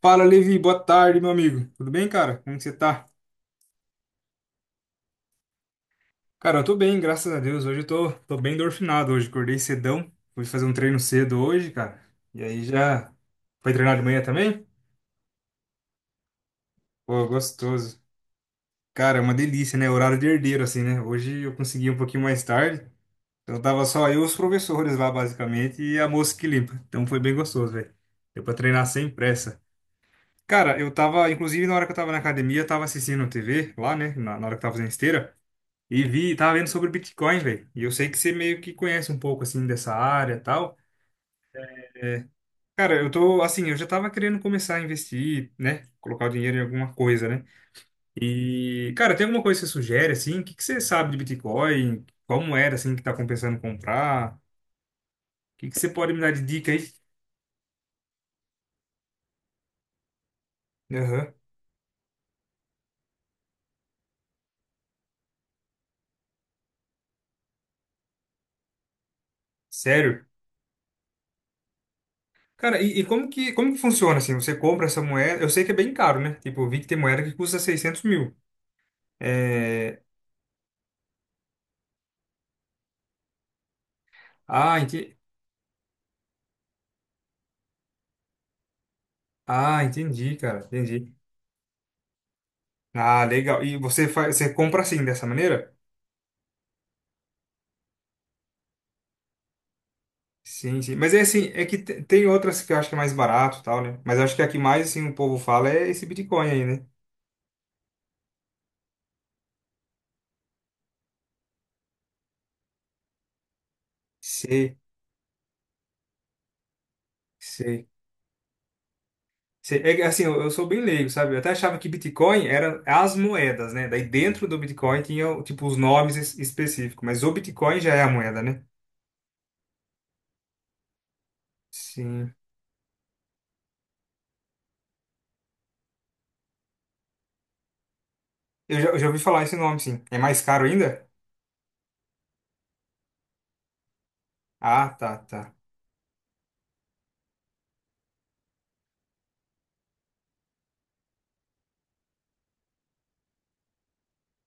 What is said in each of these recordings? Fala, Levi, boa tarde, meu amigo. Tudo bem, cara? Como que você tá? Cara, eu tô bem, graças a Deus. Hoje eu tô bem endorfinado hoje. Acordei cedão. Fui fazer um treino cedo hoje, cara. E aí já. Foi treinar de manhã também? Pô, gostoso. Cara, é uma delícia, né? Horário de herdeiro, assim, né? Hoje eu consegui um pouquinho mais tarde. Então tava só eu e os professores lá, basicamente, e a moça que limpa. Então foi bem gostoso, velho. Deu pra treinar sem pressa. Cara, eu tava, inclusive na hora que eu tava na academia, eu tava assistindo TV lá, né? Na hora que eu tava fazendo esteira. E vi, tava vendo sobre o Bitcoin, velho. E eu sei que você meio que conhece um pouco assim dessa área e tal. É, cara, eu tô assim, eu já tava querendo começar a investir, né? Colocar o dinheiro em alguma coisa, né? E, cara, tem alguma coisa que você sugere assim? O que que você sabe de Bitcoin? Qual moeda assim que tá compensando comprar? O que que você pode me dar de dica aí? Aham. Sério? Cara, e como que funciona assim? Você compra essa moeda? Eu sei que é bem caro, né? Tipo, eu vi que tem moeda que custa 600 mil. É... Ah, ente Ah, entendi, cara. Entendi. Ah, legal. E você compra assim, dessa maneira? Sim, sim. Mas é assim, é que tem outras que eu acho que é mais barato e tal, né? Mas eu acho que a que mais assim, o povo fala é esse Bitcoin aí, né? Sei, sei. Sei. É que, assim, eu sou bem leigo, sabe? Eu até achava que Bitcoin era as moedas, né? Daí dentro do Bitcoin tinha, tipo, os nomes específicos. Mas o Bitcoin já é a moeda, né? Sim. Eu já ouvi falar esse nome, sim. É mais caro ainda? Ah, tá, tá.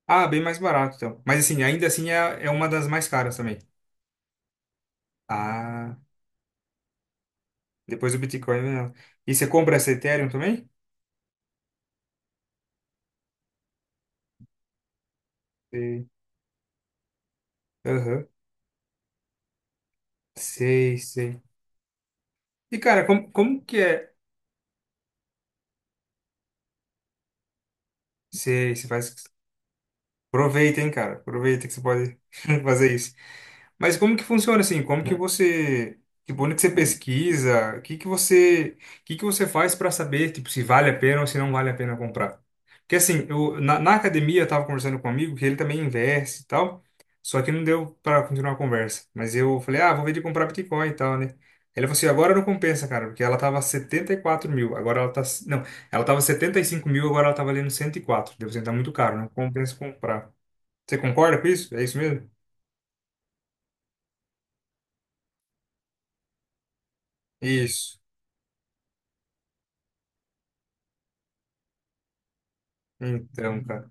Ah, bem mais barato, então. Mas assim, ainda assim é uma das mais caras também. Ah. Depois o Bitcoin vem ela. E você compra essa Ethereum também? Sei. Aham. Sei, sei. E, cara, como que é? Sei, você faz. Aproveita, hein, cara. Aproveita que você pode fazer isso. Mas como que funciona assim? Como que você, tipo, onde que você pesquisa? O que que você, o que que você faz para saber, tipo, se vale a pena ou se não vale a pena comprar? Porque assim, eu na academia eu tava conversando com um amigo que ele também investe e tal, só que não deu para continuar a conversa. Mas eu falei: "Ah, vou ver de comprar Bitcoin e tal, né?" Ele falou assim: "Agora não compensa, cara, porque ela tava 74 mil, agora ela tá, não, ela tava 75 mil, agora ela tá valendo 104. Deve ser tá muito caro, não compensa comprar." Você concorda com isso? É isso mesmo? Isso. Então, cara.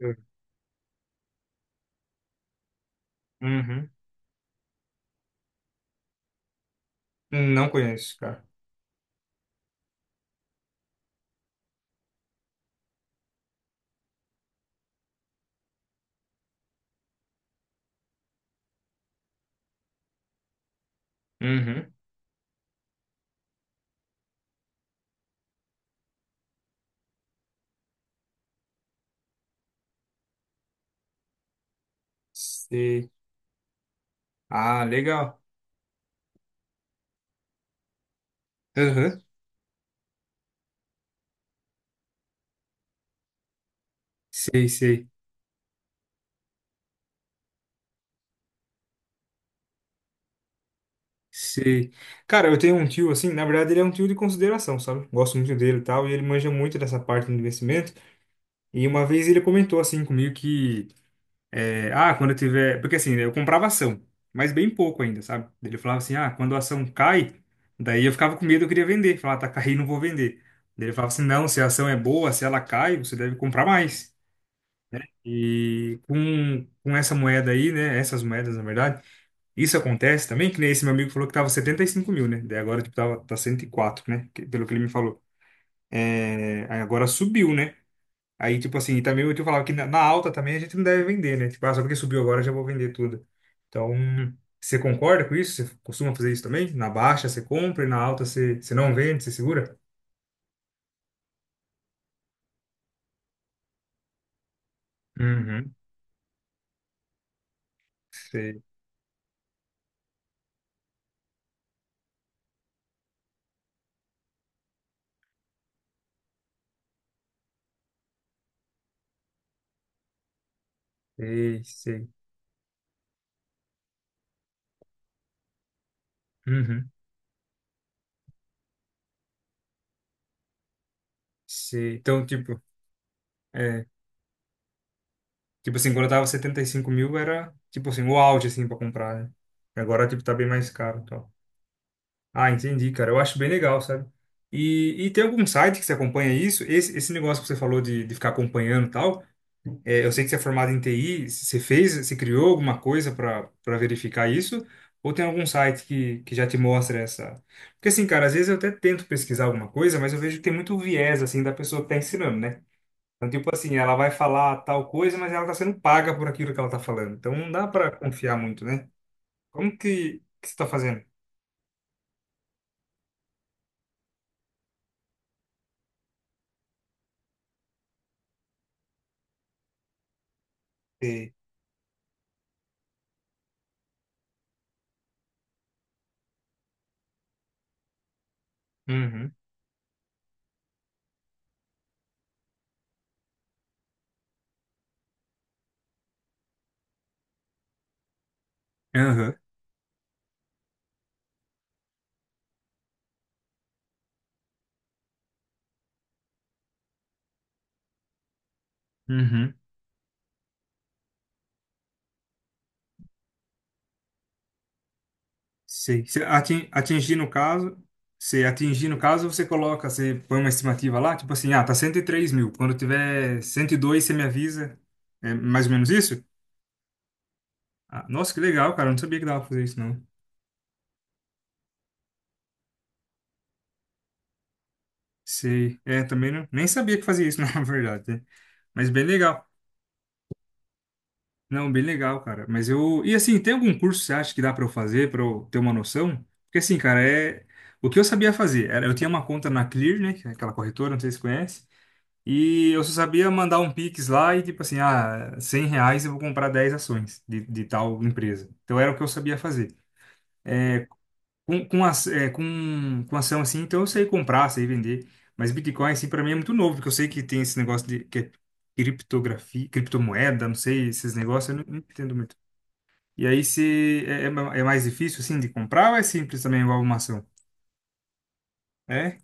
eu- Uhum. Não conheço, cara. Uhum. Sei. Ah, legal. Uhum. Sei, sei, sei. Cara, eu tenho um tio assim, na verdade ele é um tio de consideração, sabe? Gosto muito dele e tal, e ele manja muito dessa parte do investimento. E uma vez ele comentou assim comigo que, quando eu tiver. Porque assim, né, eu comprava ação, mas bem pouco ainda, sabe? Ele falava assim, ah, quando a ação cai, daí eu ficava com medo, eu queria vender. Falava: "Ah, tá caindo, não vou vender. Daí ele falava assim, não, se a ação é boa, se ela cai, você deve comprar mais." E com essa moeda aí, né? Essas moedas, na verdade, isso acontece também, que nem esse meu amigo falou que tava 75 mil, né? Daí agora, tipo, tava, tá 104, né? Pelo que ele me falou. É, aí agora subiu, né? Aí, tipo assim, também eu te falava que na alta também a gente não deve vender, né? Tipo, ah, só porque subiu agora eu já vou vender tudo. Então, você concorda com isso? Você costuma fazer isso também? Na baixa você compra e na alta você não vende, você segura? Uhum. Sei, sei, sei. Uhum. Sei. Então, tipo. é, Tipo assim, quando eu tava 75 mil era, tipo assim, o auge, assim, pra comprar, né? Agora, tipo, tá bem mais caro e tal. Ah, entendi, cara. Eu acho bem legal, sabe? E tem algum site que você acompanha isso? Esse negócio que você falou de ficar acompanhando e tal, eu sei que você é formado em TI, você criou alguma coisa para verificar isso? Ou tem algum site que já te mostra essa... Porque assim, cara, às vezes eu até tento pesquisar alguma coisa, mas eu vejo que tem muito viés, assim, da pessoa que tá ensinando, né? Então, tipo assim, ela vai falar tal coisa, mas ela está sendo paga por aquilo que ela está falando. Então, não dá para confiar muito, né? Como que você está fazendo? E- Uhum. Aham. Uhum. Sei. Você atingir no caso, você coloca, você põe uma estimativa lá, tipo assim, ah, tá 103 mil. Quando tiver 102 você me avisa. É mais ou menos isso? Ah, nossa, que legal, cara. Eu não sabia que dava pra fazer isso, não. Sei. É, também não, nem sabia que fazia isso, na verdade, né? Mas bem legal. Não, bem legal, cara. Mas eu. E assim, tem algum curso que você acha que dá pra eu fazer, pra eu ter uma noção? Porque assim, cara, é. O que eu sabia fazer era. Eu tinha uma conta na Clear, né? Que é aquela corretora, não sei se você conhece. E eu só sabia mandar um Pix lá e tipo assim, ah, R$ 100 eu vou comprar 10 ações de tal empresa. Então era o que eu sabia fazer. Com, as, é, com ação assim, então eu sei comprar, sei vender. Mas Bitcoin, assim, pra mim é muito novo, porque eu sei que tem esse negócio de, que é criptografia, criptomoeda, não sei, esses negócios, eu não entendo muito. E aí se é mais difícil assim de comprar ou é simples também igual uma ação? É?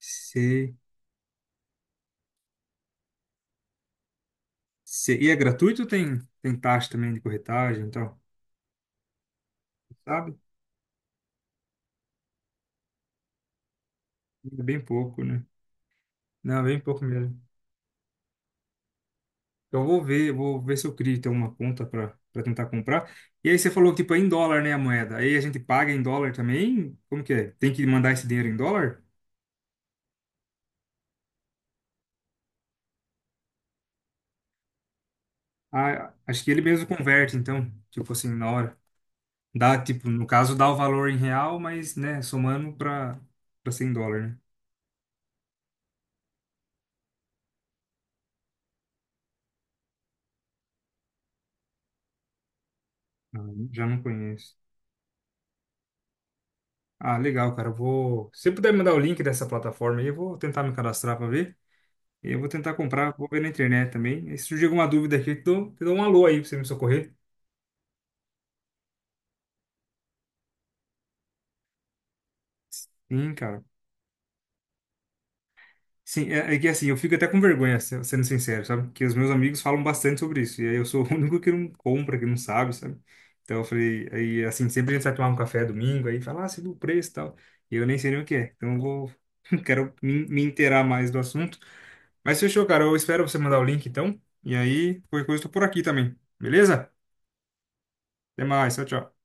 Se, se, e é gratuito ou tem taxa também de corretagem e tal? Sabe? É bem pouco, né? Não, é bem pouco mesmo. Então, eu vou ver, se eu crio então uma conta para tentar comprar. E aí você falou tipo é em dólar, né, a moeda? Aí a gente paga em dólar também? Como que é? Tem que mandar esse dinheiro em dólar? Ah, acho que ele mesmo converte então, tipo assim, na hora. Dá, tipo, no caso, dá o valor em real, mas, né, somando para US$ 100, né? Ah, já não conheço. Ah, legal, cara. Eu vou. Se você puder me mandar o link dessa plataforma aí, eu vou tentar me cadastrar para ver. E eu vou tentar comprar, vou ver na internet também. E se surgir alguma dúvida aqui, eu te dou um alô aí para você me socorrer. Sim, cara. Sim, é que assim, eu fico até com vergonha, sendo sincero, sabe? Porque os meus amigos falam bastante sobre isso, e aí eu sou o único que não compra, que não sabe, sabe? Então eu falei, aí assim, sempre a gente vai tomar um café domingo, aí fala, ah, você viu o preço e tal, e eu nem sei nem o que é, então eu vou, quero me inteirar mais do assunto. Mas fechou, cara, eu espero você mandar o link então, e aí, qualquer coisa, eu tô por aqui também, beleza? Até mais, tchau, tchau.